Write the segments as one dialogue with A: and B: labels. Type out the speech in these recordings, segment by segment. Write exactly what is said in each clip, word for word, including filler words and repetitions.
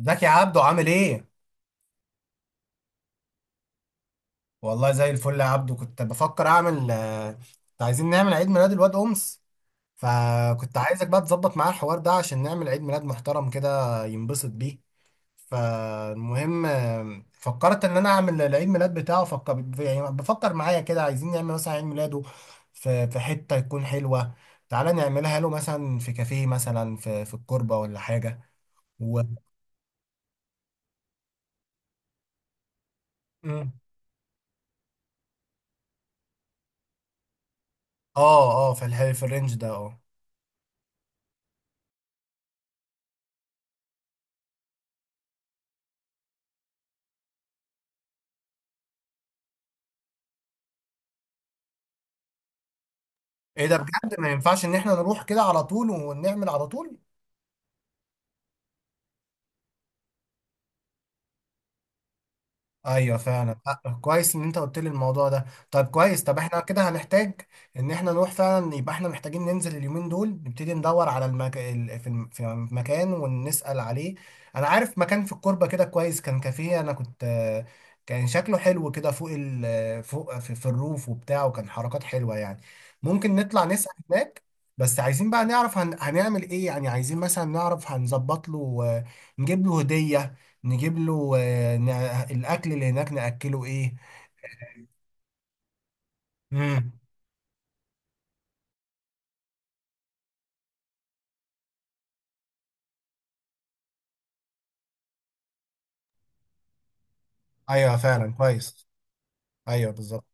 A: ازيك يا عبدو عامل ايه؟ والله زي الفل يا عبدو كنت بفكر اعمل آه، كنت عايزين نعمل عيد ميلاد الواد امس فكنت عايزك بقى تظبط معاه الحوار ده عشان نعمل عيد ميلاد محترم كده ينبسط بيه. فالمهم آه، فكرت ان انا اعمل العيد ميلاد بتاعه فكر يعني بفكر معايا كده عايزين نعمل مثلا عيد ميلاده في في حتة تكون حلوة. تعالى نعملها له مثلا في كافيه مثلا في في الكوربة ولا حاجة و... مم. اه اه في الح- في الرينج ده اه. ايه ده بجد ما ينفعش ان احنا نروح كده على طول ونعمل على طول. ايوه فعلا. آه، كويس ان انت قلت لي الموضوع ده. طيب كويس طب احنا كده هنحتاج ان احنا نروح فعلا يبقى احنا محتاجين ننزل اليومين دول نبتدي ندور على المك... ال- في الم- في مكان ونسأل عليه. انا عارف مكان في الكوربة كده كويس كان كافيه انا كنت آه، كان شكله حلو كده فوق ال... فوق في, في الروف وبتاع وكان حركات حلوة يعني ممكن نطلع نسأل هناك. بس عايزين بقى نعرف هن... هنعمل ايه يعني عايزين مثلا نعرف هنظبط له آه، نجيب له هدية، نجيب له آه، نع... الاكل اللي هناك ناكله ايه. امم ايوه فعلا كويس. ايوه بالظبط.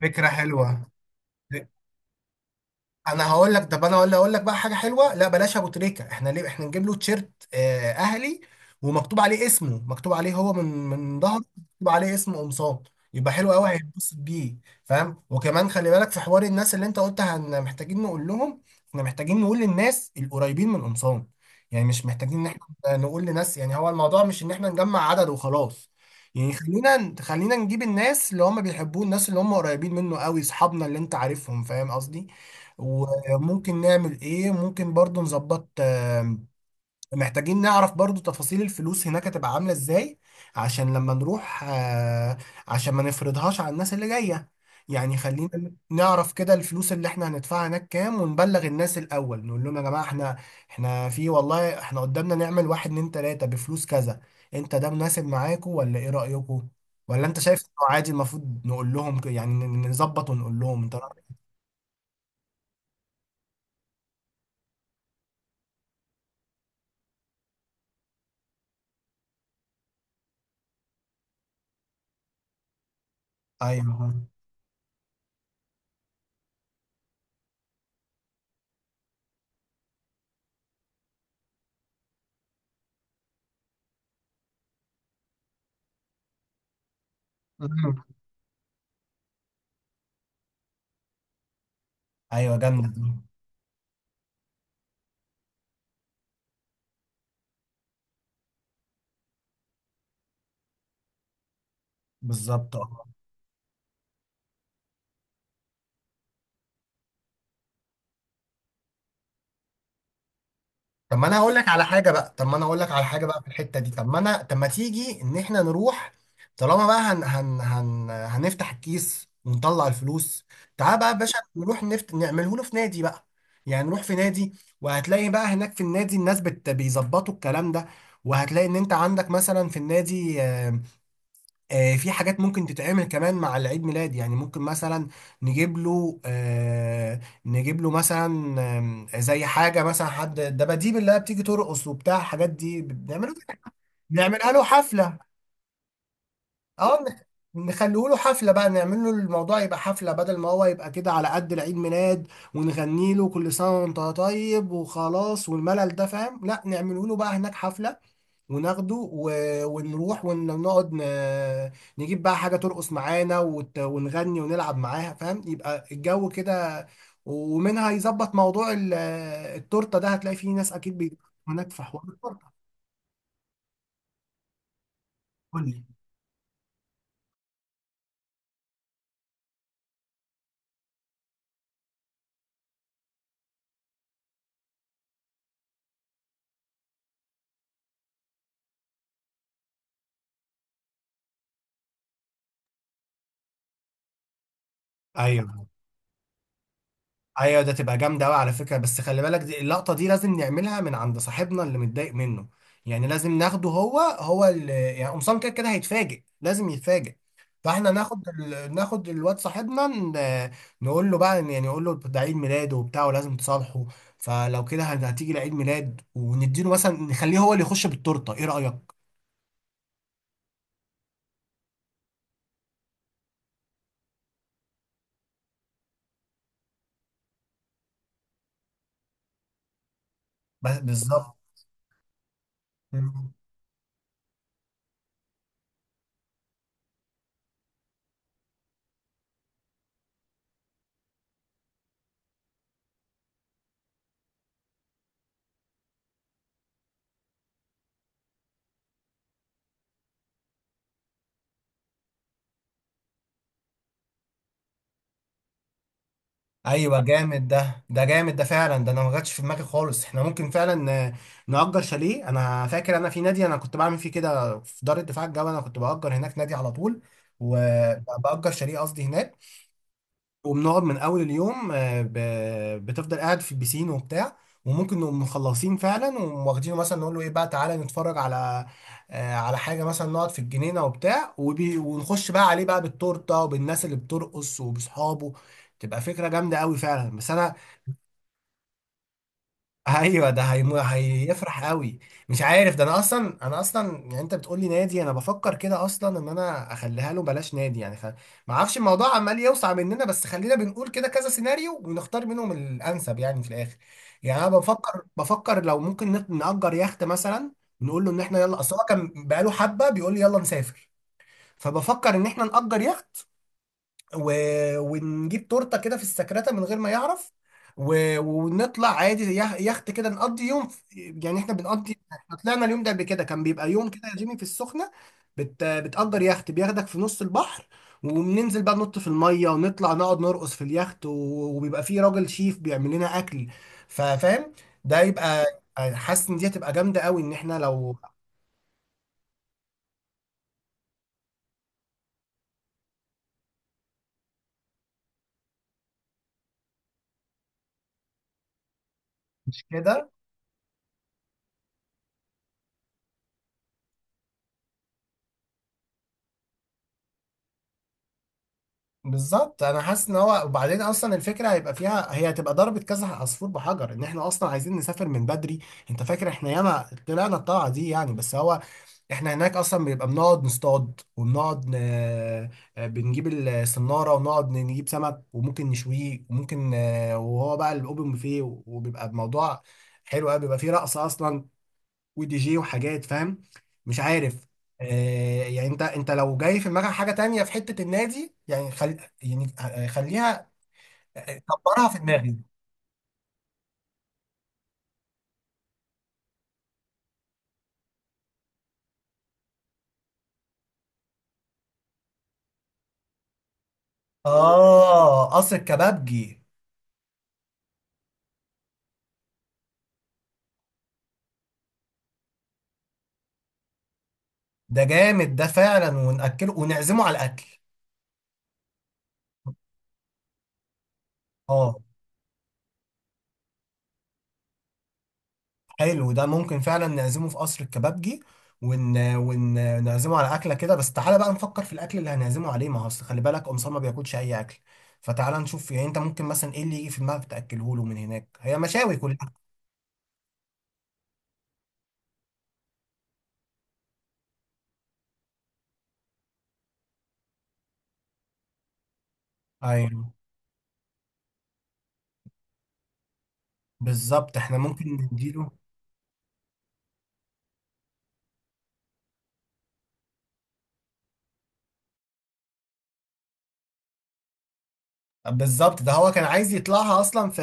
A: فكره حلوه. انا هقول لك طب انا ولا اقول لك بقى حاجه حلوه، لا بلاش ابو تريكه، احنا ليه احنا نجيب له تيشيرت آه، اهلي ومكتوب عليه اسمه، مكتوب عليه هو من من ظهره مكتوب عليه اسم قمصان، يبقى حلو قوي هيتبسط بيه. فاهم وكمان خلي بالك في حوار الناس اللي انت قلتها ان محتاجين نقول لهم، احنا محتاجين نقول للناس القريبين من قمصان، يعني مش محتاجين ان احنا نقول لناس، يعني هو الموضوع مش ان احنا نجمع عدد وخلاص. يعني خلينا خلينا نجيب الناس اللي هم بيحبوه، الناس اللي هم قريبين منه قوي، اصحابنا اللي انت عارفهم فاهم قصدي. وممكن نعمل ايه، ممكن برضو نظبط آم، محتاجين نعرف برضو تفاصيل الفلوس هناك هتبقى عاملة ازاي، عشان لما نروح آه، عشان ما نفرضهاش على الناس اللي جاية. يعني خلينا نعرف كده الفلوس اللي احنا هندفعها هناك كام ونبلغ الناس الاول نقول لهم يا جماعة احنا احنا في والله احنا قدامنا نعمل واحد اتنين تلاتة بفلوس كذا، انت ده مناسب معاكم ولا ايه رأيكم؟ ولا انت شايف انه عادي المفروض نقول لهم ك- يعني ن- نظبط ونقول لهم انت رأيك؟ ايوه ايوه جنب. بالظبط اه. طب ما انا هقول لك على حاجه بقى، طب ما انا هقول لك على حاجه بقى في الحته دي، طب ما انا طب ما تيجي ان احنا نروح طالما بقى هن هن هن هنفتح الكيس ونطلع الفلوس. تعال بقى يا باشا نروح نفت نعمله له في نادي بقى، يعني نروح في نادي. وهتلاقي بقى هناك في النادي الناس بت... بيظبطوا الكلام ده. وهتلاقي ان انت عندك مثلا في النادي آه، آه، في حاجات ممكن تتعمل كمان مع العيد ميلاد، يعني ممكن مثلا نجيب له آه، نجيب له مثلا آم، زي حاجة مثلا حد الدباديب اللي هي بتيجي ترقص وبتاع، الحاجات دي بنعمله نعملها له حفلة. اه نخليه له حفلة بقى، نعمل له الموضوع يبقى حفلة بدل ما هو يبقى كده على قد العيد ميلاد ونغني له كل سنة وانت طيب وخلاص والملل ده فاهم، لا نعمله له بقى هناك حفلة وناخده و... ونروح ونقعد ن... نجيب بقى حاجة ترقص معانا وت... ونغني ونلعب معاها فاهم يبقى الجو كده. ومنها يظبط موضوع ال... التورتة ده، هتلاقي فيه ناس أكيد بيجيبوا هناك في حوار التورتة. قول لي. ايوه ايوه ده تبقى جامده قوي على فكره، بس خلي بالك دي اللقطه دي لازم نعملها من عند صاحبنا اللي متضايق منه، يعني لازم ناخده هو هو اللي يعني قمصان كده كده هيتفاجئ لازم يتفاجئ. فاحنا ناخد ال... ناخد الواد صاحبنا ن... نقول له بقى، يعني نقول له ده عيد ميلاده وبتاع ولازم تصالحه، فلو كده هت- هتيجي لعيد ميلاد ونديله مثلا نخليه هو اللي يخش بالتورته، ايه رايك؟ بس بالظبط. ايوه جامد ده، ده جامد ده فعلا، ده انا ما جاتش في دماغي خالص. احنا ممكن فعلا آه، نأجر شاليه. انا فاكر انا في نادي انا كنت بعمل فيه كده في دار الدفاع الجوي، انا كنت بأجر هناك نادي على طول وبأجر شاليه قصدي هناك. وبنقعد من اول اليوم آه، ب- بتفضل قاعد في البيسين وبتاع. وممكن نقوم مخلصين فعلا وواخدينه مثلا نقول له ايه بقى تعالى نتفرج على آه، على حاجه، مثلا نقعد في الجنينه وبتاع وبي ونخش بقى عليه بقى بالتورته وبالناس اللي بترقص وباصحابه. تبقى فكره جامده قوي فعلا بس انا. ايوه ده هيم... هيفرح قوي. مش عارف ده انا اصلا، انا اصلا يعني انت بتقول لي نادي انا بفكر كده اصلا ان انا اخليها له بلاش نادي يعني خ... ما اعرفش الموضوع عمال يوسع مننا، بس خلينا بنقول كده كذا سيناريو ونختار منهم الانسب يعني في الاخر. يعني انا بفكر، بفكر لو ممكن نت- نأجر يخت مثلا، نقول له ان احنا يلا، اصل هو كان بقاله حبه بيقول لي يلا نسافر. فبفكر ان احنا نأجر يخت و... ونجيب تورته كده في السكرته من غير ما يعرف و... ونطلع عادي يخ- يخت كده نقضي يوم في... يعني احنا بنقضي، احنا طلعنا اليوم ده قبل كده كان بيبقى يوم كده يا جيمي في السخنه، بت... بتأجر يخت بياخدك في نص البحر وبننزل بقى ننط في الميه ونطلع نقعد نرقص في اليخت و... وبيبقى فيه راجل شيف بيعمل لنا اكل فاهم. ده يبقى حاسس ان دي هتبقى جامده قوي ان احنا لو، مش كده. بالظبط انا حاسس ان هو، وبعدين اصلا الفكره هيبقى فيها، هي هتبقى ضربه كذا عصفور بحجر ان احنا اصلا عايزين نسافر من بدري. انت فاكر احنا ياما طلعنا الطلعه دي يعني، بس هو احنا هناك اصلا بيبقى بنقعد نصطاد وبنقعد ن... آه، بنجيب الصناره ونقعد نجيب سمك وممكن نشويه وممكن آه، وهو بقى الاوبن بوفيه وبيبقى الموضوع حلو قوي، بيبقى فيه رقص اصلا ودي جي وحاجات فاهم. مش عارف آه، يعني انت انت لو جاي في دماغك حاجه تانية في حته النادي يعني خل... يعني آه، خليها، آه، كبرها في دماغي. اه قصر الكبابجي. ده جامد ده فعلا، ونأكله ونعزمه على الاكل. اه حلو ده، ممكن فعلا نعزمه في قصر الكبابجي ون... ونعزمه على اكله كده. بس تعالى بقى نفكر في الاكل اللي هنعزمه عليه، ما هو أصل خلي بالك قمصان ما بياكلش اي اكل. فتعالى نشوف يعني انت ممكن مثلا ايه اللي يجي في دماغك تاكله له من هناك، هي مشاوي كلها. ايوه بالظبط احنا ممكن نديله. بالظبط ده هو كان عايز يطلعها اصلا في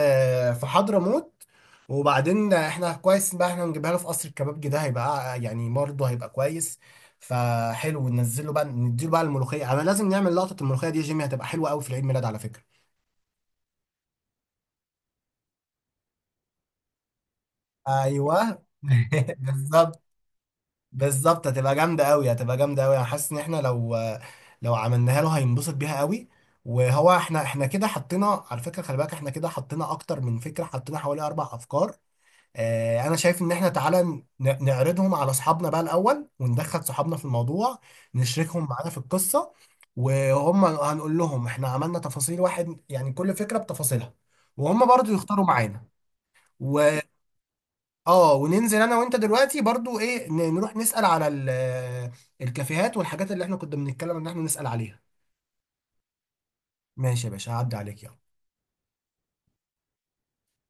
A: في حضرموت، وبعدين احنا كويس بقى احنا نجيبها له في قصر الكبابجي ده هيبقى يعني برضه هيبقى كويس. فحلو ننزله بقى نديله بقى الملوخيه، انا لازم نعمل لقطه الملوخيه دي يا جيمي، هتبقى حلوه قوي في العيد ميلاد على فكره. ايوه بالظبط. بالظبط هتبقى جامدة قوي، هتبقى جامدة قوي، انا حاسس ان احنا لو، لو عملناها له هينبسط بيها قوي. وهو احنا، احنا كده حطينا على فكرة خلي بالك احنا كده حطينا اكتر من فكرة، حطينا حوالي اربع افكار. اه انا شايف ان احنا تعالى ن- نعرضهم على اصحابنا بقى الاول وندخل صحابنا في الموضوع، نشركهم معانا في القصة. وهم هنقول لهم احنا عملنا تفاصيل واحد يعني كل فكرة بتفاصيلها وهم برضو يختاروا معانا. اه وننزل انا وانت دلوقتي برضو ايه ن- نروح نسأل على ال- الكافيهات والحاجات اللي احنا كنا بنتكلم ان احنا نسأل عليها. ماشي يا باشا هعدي عليك يلا.